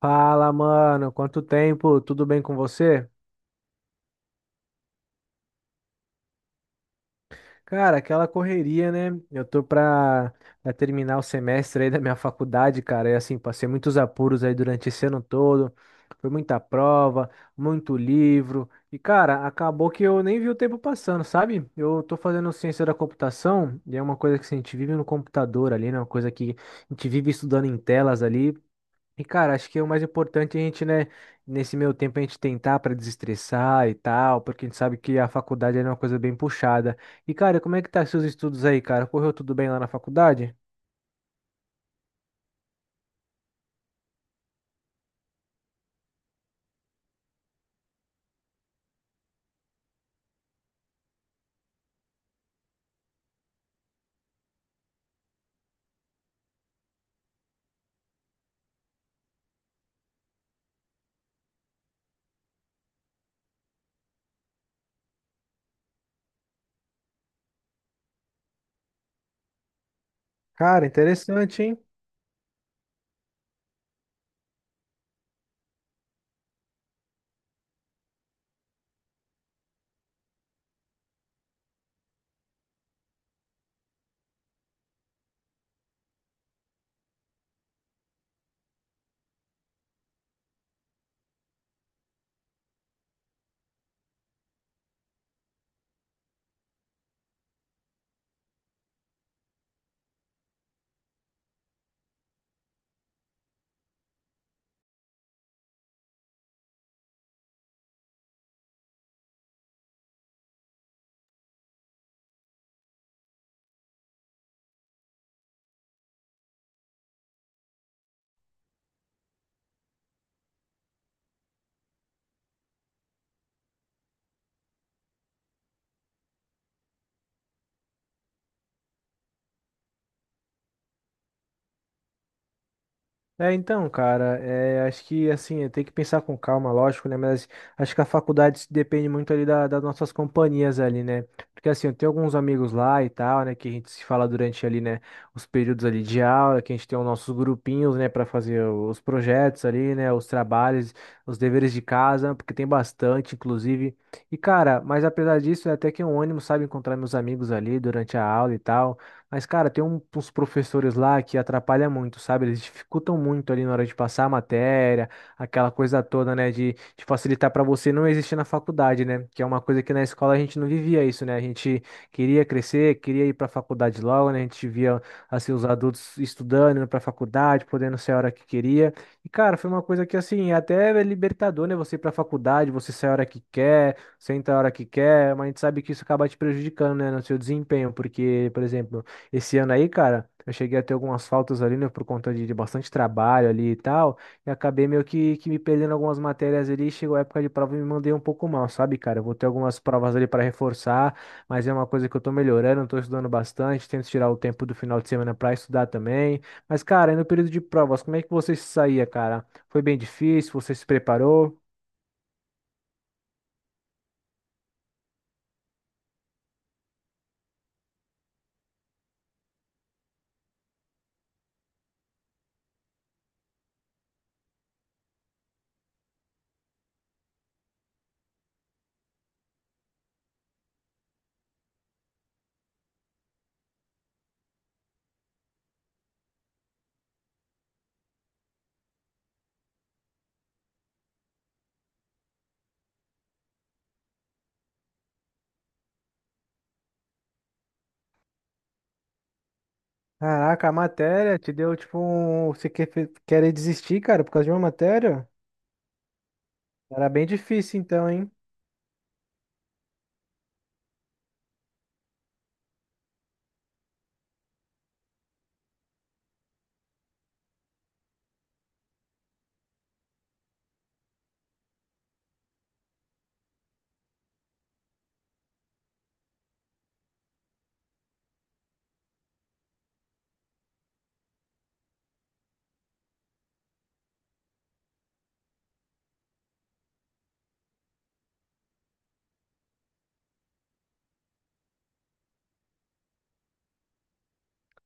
Fala, mano. Quanto tempo? Tudo bem com você? Cara, aquela correria, né? Eu tô pra terminar o semestre aí da minha faculdade, cara. E assim, passei muitos apuros aí durante esse ano todo. Foi muita prova, muito livro. E, cara, acabou que eu nem vi o tempo passando, sabe? Eu tô fazendo ciência da computação e é uma coisa que assim, a gente vive no computador ali, né? Uma coisa que a gente vive estudando em telas ali. E, cara, acho que é o mais importante é a gente, né, nesse meio tempo a gente tentar para desestressar e tal, porque a gente sabe que a faculdade é uma coisa bem puxada. E, cara, como é que tá seus estudos aí, cara? Correu tudo bem lá na faculdade? Cara, interessante, hein? É, então, cara, é, acho que assim, é, tem que pensar com calma, lógico, né? Mas acho que a faculdade se depende muito ali das nossas companhias ali, né? Porque assim, eu tenho alguns amigos lá e tal, né? Que a gente se fala durante ali, né? Os períodos ali de aula, que a gente tem os nossos grupinhos, né? Pra fazer os projetos ali, né? Os trabalhos, os deveres de casa, porque tem bastante, inclusive. E, cara, mas apesar disso, é até que é um ânimo, sabe? Encontrar meus amigos ali durante a aula e tal. Mas, cara, tem uns professores lá que atrapalham muito, sabe? Eles dificultam muito ali na hora de passar a matéria, aquela coisa toda, né? De facilitar para você não existir na faculdade, né? Que é uma coisa que na escola a gente não vivia isso, né? A gente queria crescer, queria ir para a faculdade logo, né? A gente via, assim, os adultos estudando, indo para a faculdade, podendo ser a hora que queria. E, cara, foi uma coisa que, assim, é até é libertador, né? Você ir para a faculdade, você sai a hora que quer, senta a hora que quer, mas a gente sabe que isso acaba te prejudicando, né? No seu desempenho, porque, por exemplo. Esse ano aí, cara, eu cheguei a ter algumas faltas ali, né, por conta de bastante trabalho ali e tal, e acabei meio que me perdendo algumas matérias ali, chegou a época de prova e me mandei um pouco mal, sabe, cara? Eu vou ter algumas provas ali para reforçar, mas é uma coisa que eu tô melhorando, eu tô estudando bastante, tento tirar o tempo do final de semana para estudar também. Mas, cara, e no período de provas, como é que você se saía, cara? Foi bem difícil? Você se preparou? Caraca, a matéria te deu tipo um. Você quer, querer desistir, cara, por causa de uma matéria? Era bem difícil então, hein?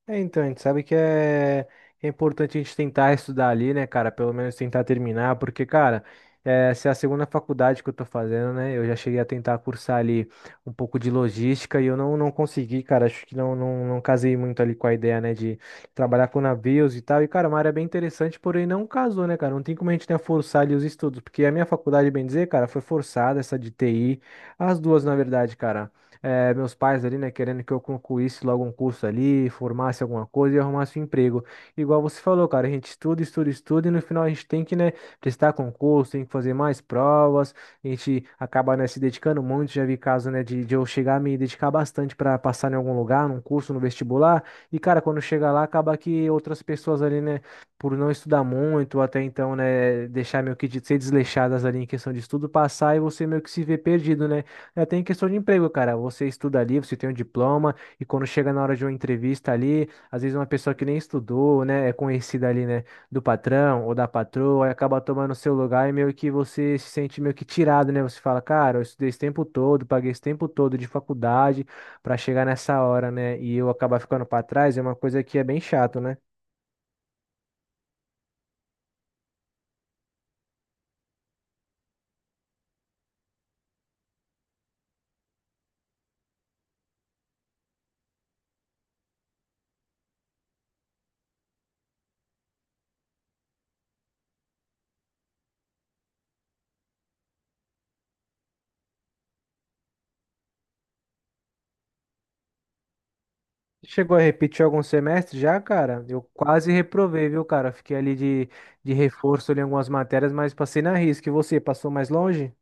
É, então, a gente sabe que é, é importante a gente tentar estudar ali, né, cara? Pelo menos tentar terminar, porque, cara, é, essa é a segunda faculdade que eu tô fazendo, né? Eu já cheguei a tentar cursar ali um pouco de logística e eu não consegui, cara. Acho que não, não, não casei muito ali com a ideia, né, de trabalhar com navios e tal. E, cara, é uma área bem interessante, porém não casou, né, cara? Não tem como a gente, né, forçar ali os estudos, porque a minha faculdade, bem dizer, cara, foi forçada, essa de TI, as duas, na verdade, cara meus pais ali, né, querendo que eu concluísse logo um curso ali, formasse alguma coisa e arrumasse um emprego. Igual você falou, cara, a gente estuda, estuda, estuda e no final a gente tem que, né, prestar concurso, tem que fazer mais provas, a gente acaba, né, se dedicando muito. Já vi caso, né, de eu chegar a me dedicar bastante para passar em algum lugar, num curso, no vestibular, e, cara, quando chega lá, acaba que outras pessoas ali, né, por não estudar muito, ou até então, né, deixar meio que de ser desleixadas ali em questão de estudo, passar e você meio que se vê perdido, né? É, tem questão de emprego, cara. Você estuda ali, você tem um diploma, e quando chega na hora de uma entrevista ali, às vezes uma pessoa que nem estudou, né, é conhecida ali, né, do patrão ou da patroa, e acaba tomando o seu lugar e meio que você se sente meio que tirado, né? Você fala, cara, eu estudei esse tempo todo, paguei esse tempo todo de faculdade pra chegar nessa hora, né, e eu acabar ficando pra trás, é uma coisa que é bem chato, né? Chegou a repetir algum semestre já, cara? Eu quase reprovei, viu, cara? Fiquei ali de reforço ali em algumas matérias, mas passei na risca. E você, passou mais longe?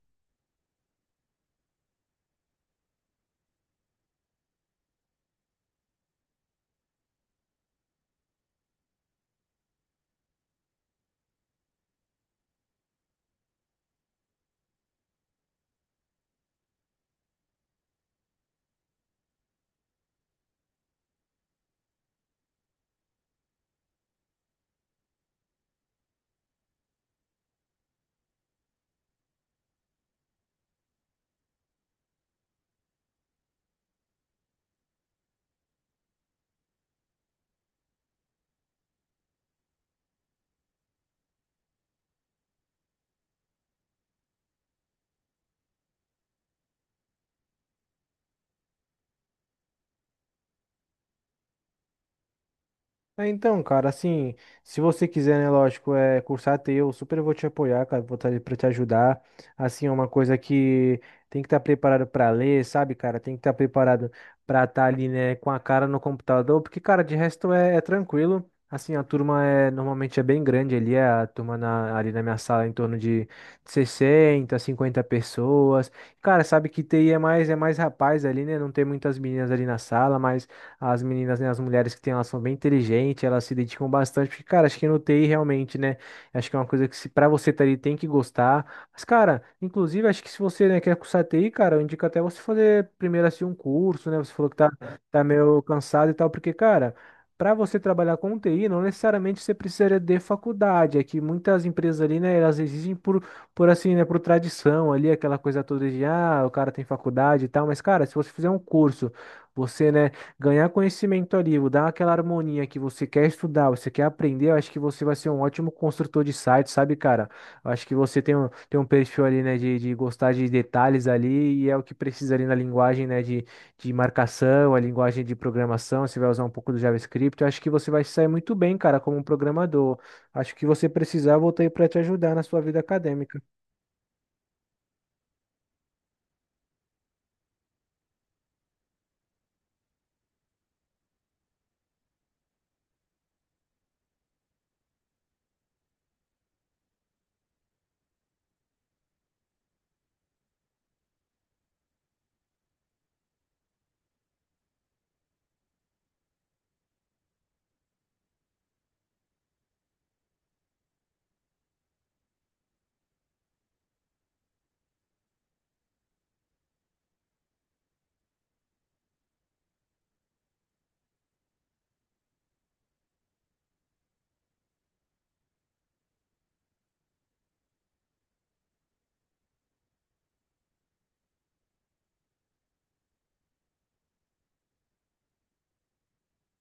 É, então, cara, assim, se você quiser, né, lógico, é cursar teu, super vou te apoiar, cara, vou estar ali pra te ajudar. Assim, é uma coisa que tem que estar preparado pra ler, sabe, cara? Tem que estar preparado pra estar ali, né, com a cara no computador, porque, cara, de resto é, é tranquilo. Assim, a turma é normalmente é bem grande ali, é a turma ali na minha sala é em torno de 60 50 pessoas. Cara, sabe que TI é mais rapaz ali, né? Não tem muitas meninas ali na sala, mas as meninas, né, as mulheres que têm, elas são bem inteligentes, elas se dedicam bastante, porque, cara, acho que no TI realmente, né? Acho que é uma coisa que se para você tá ali tem que gostar. Mas, cara, inclusive, acho que se você, né, quer cursar TI, cara, eu indico até você fazer primeiro assim um curso, né? Você falou que tá meio cansado e tal, porque, cara, para você trabalhar com TI, não necessariamente você precisaria de faculdade. É que muitas empresas ali, né, elas exigem por assim, né, por tradição ali, aquela coisa toda de, ah, o cara tem faculdade e tal, mas, cara, se você fizer um curso, você, né? Ganhar conhecimento ali, o dar aquela harmonia que você quer estudar, você quer aprender, eu acho que você vai ser um ótimo construtor de site, sabe, cara? Eu acho que você tem um perfil ali, né, de gostar de detalhes ali, e é o que precisa ali na linguagem, né, de marcação, a linguagem de programação, você vai usar um pouco do JavaScript, eu acho que você vai se sair muito bem, cara, como um programador. Acho que você precisar, eu voltei para te ajudar na sua vida acadêmica.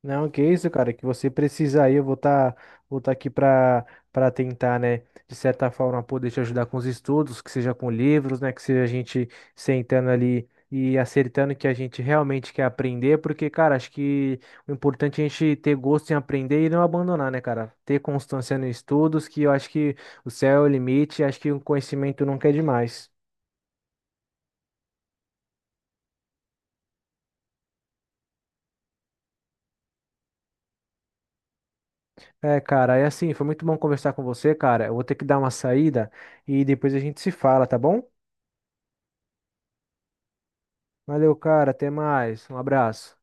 Não, que isso, cara, que você precisa aí, eu vou tá aqui para para tentar, né, de certa forma poder te ajudar com os estudos, que seja com livros, né, que seja a gente sentando ali e acertando o que a gente realmente quer aprender, porque, cara, acho que o importante é a gente ter gosto em aprender e não abandonar, né, cara? Ter constância nos estudos, que eu acho que o céu é o limite, acho que o conhecimento nunca é demais. É, cara, é assim, foi muito bom conversar com você, cara. Eu vou ter que dar uma saída e depois a gente se fala, tá bom? Valeu, cara. Até mais. Um abraço.